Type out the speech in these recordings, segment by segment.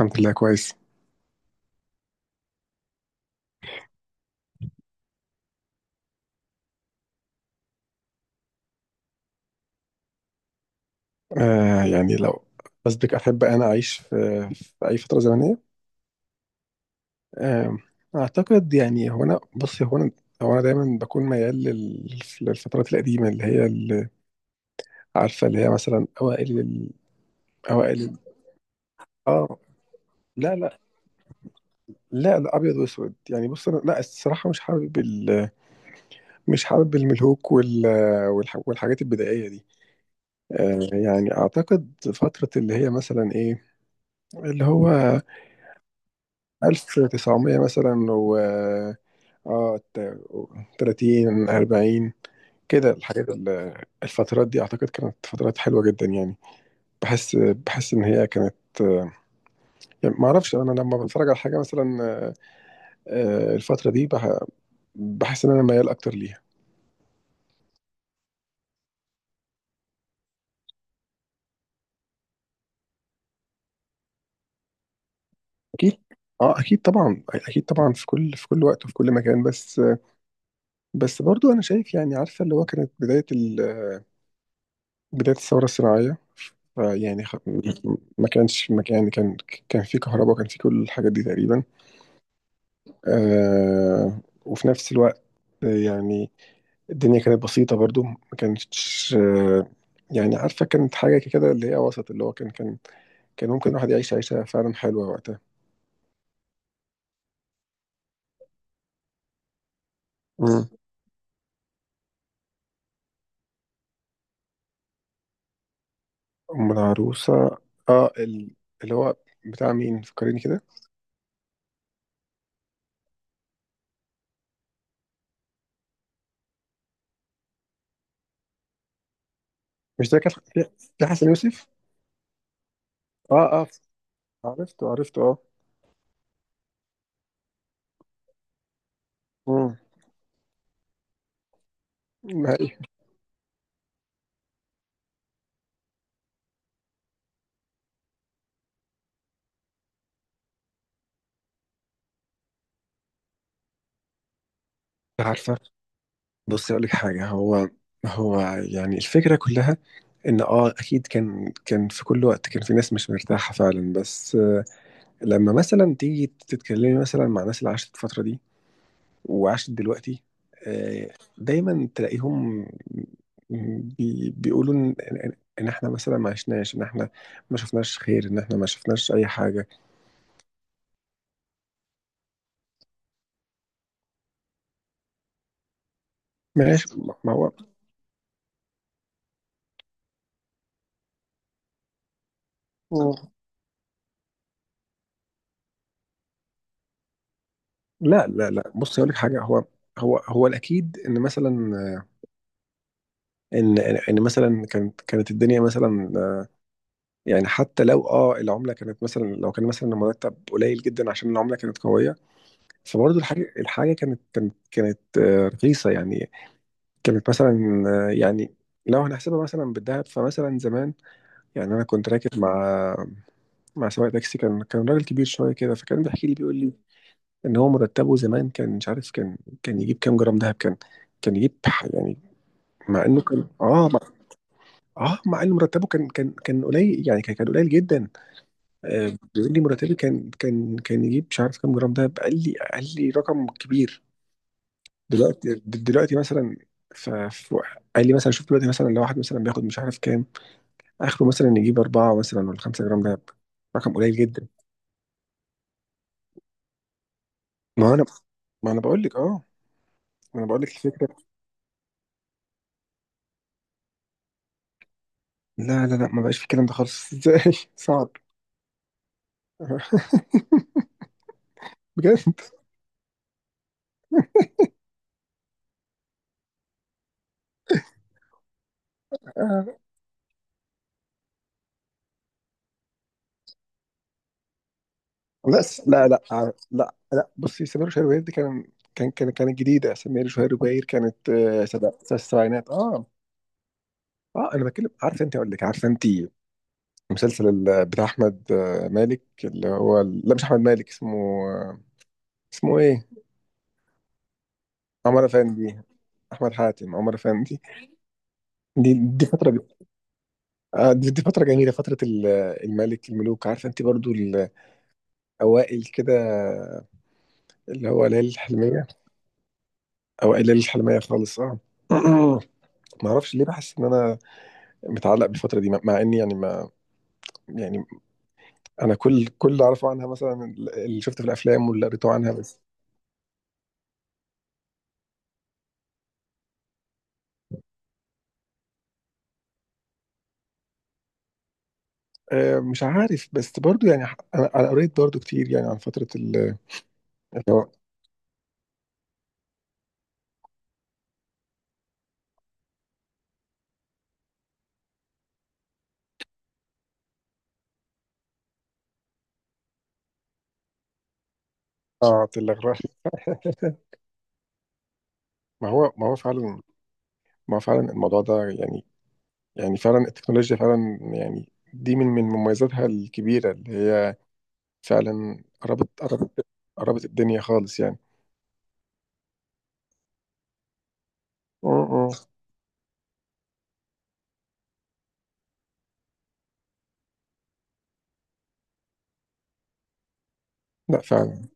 الحمد لله كويس. يعني لو بس بك أحب أنا أعيش في أي فترة زمنية. آه أعتقد يعني هو أنا بصي هو أنا هو أنا دايما بكون ميال للفترات القديمة، اللي هي، اللي عارفة، اللي هي مثلا أوائل ال- أوائل ال- آه لا لا، لا لا، أبيض وأسود يعني. بص، أنا لا الصراحة مش حابب مش حابب الملهوك والحاجات البدائية دي. يعني أعتقد فترة اللي هي مثلا إيه، اللي هو 1900 مثلا، اه تا- 30 40، كده الحاجات الفترات دي اعتقد كانت فترات حلوه جدا يعني. بحس ان هي كانت، يعني ما اعرفش. انا لما بتفرج على حاجه مثلا الفتره دي بحس ان انا ميال اكتر ليها. اكيد. اه اكيد طبعا، اكيد طبعا، في كل وقت وفي كل مكان. بس بس برضو انا شايف، يعني عارفه اللي هو كانت بدايه الثوره الصناعيه يعني ما كان يعني كان في كهرباء وكان في كل الحاجات دي تقريبا. وفي نفس الوقت آه، يعني الدنيا كانت بسيطة برضو، ما كانتش يعني عارفة كانت حاجة كده، اللي هي وسط، اللي هو كان ممكن الواحد يعيش عيشة فعلا حلوة وقتها. مم. أم العروسة. اه ال- اللي هو بتاع مين، فكريني كده. مش ده كان في، في حسن يوسف. اه، اه، عرفته عرفته، اه. مم. ما هي- عارفة، بصي أقول لك حاجة. هو هو يعني الفكرة كلها ان اه اكيد كان في كل وقت، كان في ناس مش مرتاحه فعلا، بس لما مثلا تيجي تتكلمي مثلا مع الناس اللي عاشت الفتره دي وعاشت دلوقتي، آه، دايما تلاقيهم بيقولوا ان ان إن احنا مثلا ما عشناش، ان احنا ما شفناش خير، ان احنا ما شفناش اي حاجه. ماشي. ما هو لا لا لا. بص، هقول لك حاجه. هو الاكيد ان مثلا ان ان إن مثلا كانت الدنيا مثلا، يعني حتى لو العمله كانت مثلا، لو كان مثلا المرتب قليل جدا عشان العمله كانت قويه، فبرضه الحاجه كانت رخيصه يعني. كانت مثلا لو هنحسبها مثلا بالذهب فمثلا زمان، يعني انا كنت راكب مع، مع سواق تاكسي، كان راجل كبير شويه كده، فكان بيحكي لي بيقول لي ان هو مرتبه زمان كان مش عارف، كان يجيب كام جرام دهب. كان كان يجيب ح- يعني مع انه كان مع، اه مع انه مرتبه كان قليل، يعني كان قليل جدا. آه، بيقول لي مرتبي كان يجيب مش عارف كام جرام. ده قال لي، قال لي رقم كبير. دلوقتي مثلا، ف ف- قال لي مثلا شوف، دلوقتي مثلا لو واحد مثلا بياخد مش عارف كام، اخره مثلا يجيب أربعة مثلا ولا خمسة جرام دهب، رقم قليل جدا. ما انا ما انا بقول لك، ما انا بقول لك الفكره. لا لا لا، ما بقاش في الكلام ده خالص. ازاي؟ صعب. بجد. آه. لا لا لا لا لا. بصي، سمير وشهير وبهير دي كان كان كان كانت جديده. سمير وشهير وبهير كانت الـ70ات، اه. اه انا بتكلم، عارفه انت، اقول لك، عارفه انت المسلسل بتاع احمد مالك، اللي هو لا مش احمد مالك اسمه، آه، اسمه ايه، عمر افندي. احمد حاتم، عمر افندي. دي دي فتره ج- دي, دي فتره جميله، فتره الملك، الملوك، عارفه انت برضو الاوائل كده، اللي هو ليالي الحلميه، اوائل ليالي الحلميه خالص، اه. ما اعرفش ليه بحس ان انا متعلق بالفتره دي، مع اني يعني ما، يعني انا كل اللي اعرفه عنها مثلا اللي شفته في الافلام واللي قريته عنها بس. مش عارف، بس برضو يعني انا قريت برضو كتير يعني عن فتره اللي هو. اه الاغراق. ما هو فعلا، ما هو فعلا الموضوع ده يعني، يعني فعلا التكنولوجيا فعلا يعني دي من مميزاتها الكبيره اللي هي فعلا قربت، قربت الدنيا خالص يعني. م- م. لا فعلا.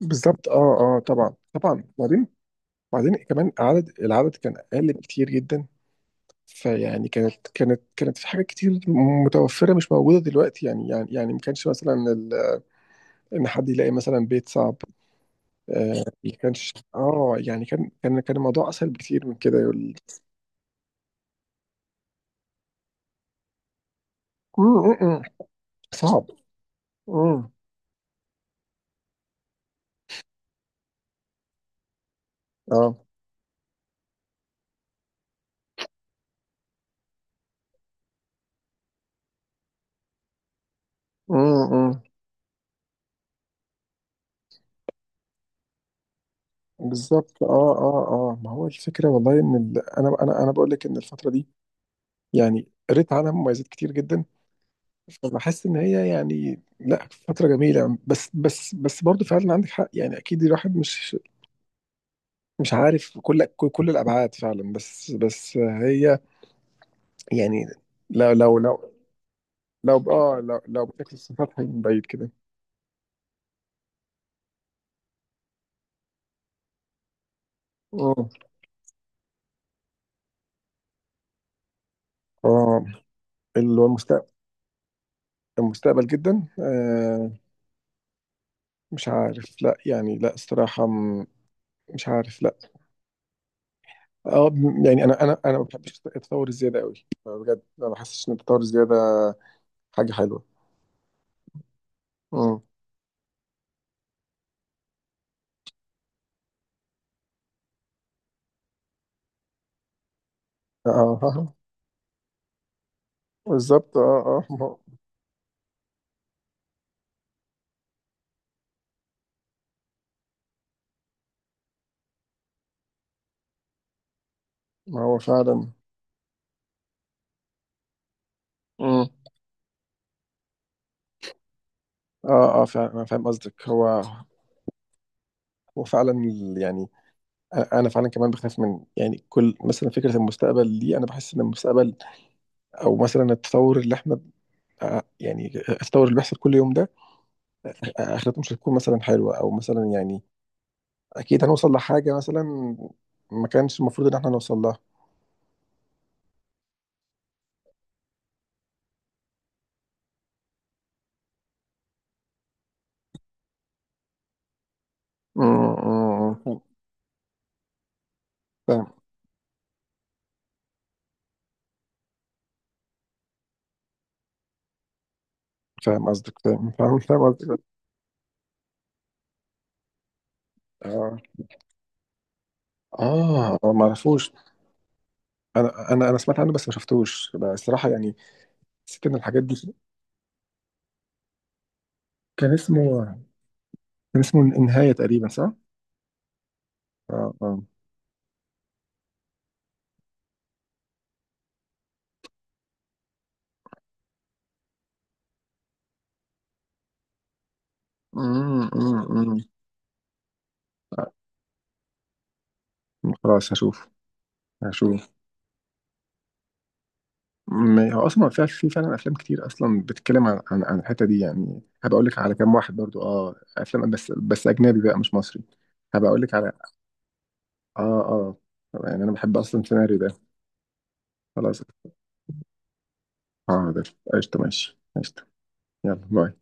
بالظبط، اه اه، طبعا بعدين، بعدين كمان عدد، العدد كان اقل بكتير جدا. فيعني كانت في حاجات كتير متوفرة مش موجودة دلوقتي، يعني يعني ما كانش مثلا إن حد يلاقي مثلا بيت صعب. آه ما كانش، اه يعني كان الموضوع أسهل بكتير من كده يقول. مم، مم، مم، صعب. مم، اه. مم، مم. بالظبط، ما هو الفكرة والله إن أنا بقول لك إن الفترة دي يعني قريت عنها مميزات كتير جدا. فبحس إن هي، يعني لا فترة جميلة، بس برضه فعلا عندك حق يعني. أكيد الواحد مش عارف كل الابعاد فعلا، بس بس هي يعني، لو لو لو لو اه لو لو بشكل سطحي من بعيد كده. اه اه. اللي هو المستقبل. المستقبل جدا آه. مش عارف، لا يعني، لا الصراحة مش عارف لا. يعني انا ما بحبش التطور الزيادة قوي بجد، ما بحسش ان التطور الزيادة حاجة حلوة. امم اه. بالظبط، ما هو، فعلا. امم اه اه فعلا انا فاهم قصدك. هو وفعلا ال- يعني أ- انا فعلا كمان بخاف من، يعني كل مثلا فكره المستقبل دي. انا بحس ان المستقبل او مثلا التطور اللي احنا يعني التطور اللي بيحصل كل يوم ده، اخرته مش هتكون مثلا حلوه، او مثلا يعني اكيد هنوصل لحاجه مثلا ما كانش المفروض ان احنا نوصل لها. م- م- م. فاهم، فاهم قصدك، فاهم قصدك. اه اه ما اعرفوش. انا سمعت عنه بس ما شفتوش بقى الصراحه يعني، حسيت ان الحاجات دي. كان اسمه، كان اسمه النهايه تقريبا صح؟ اه، اه. أمم، أمم، أمم. خلاص هشوف. هشوف. هو اصلا في، في فعلا افلام كتير اصلا بتتكلم عن الحته دي يعني. هبقى اقول لك على كام واحد برضو افلام، بس بس اجنبي بقى مش مصري. هبقى اقول لك على. اه اه. يعني انا بحب اصلا السيناريو ده. خلاص. اه ده قشطه، ماشي قشطه. يلا باي.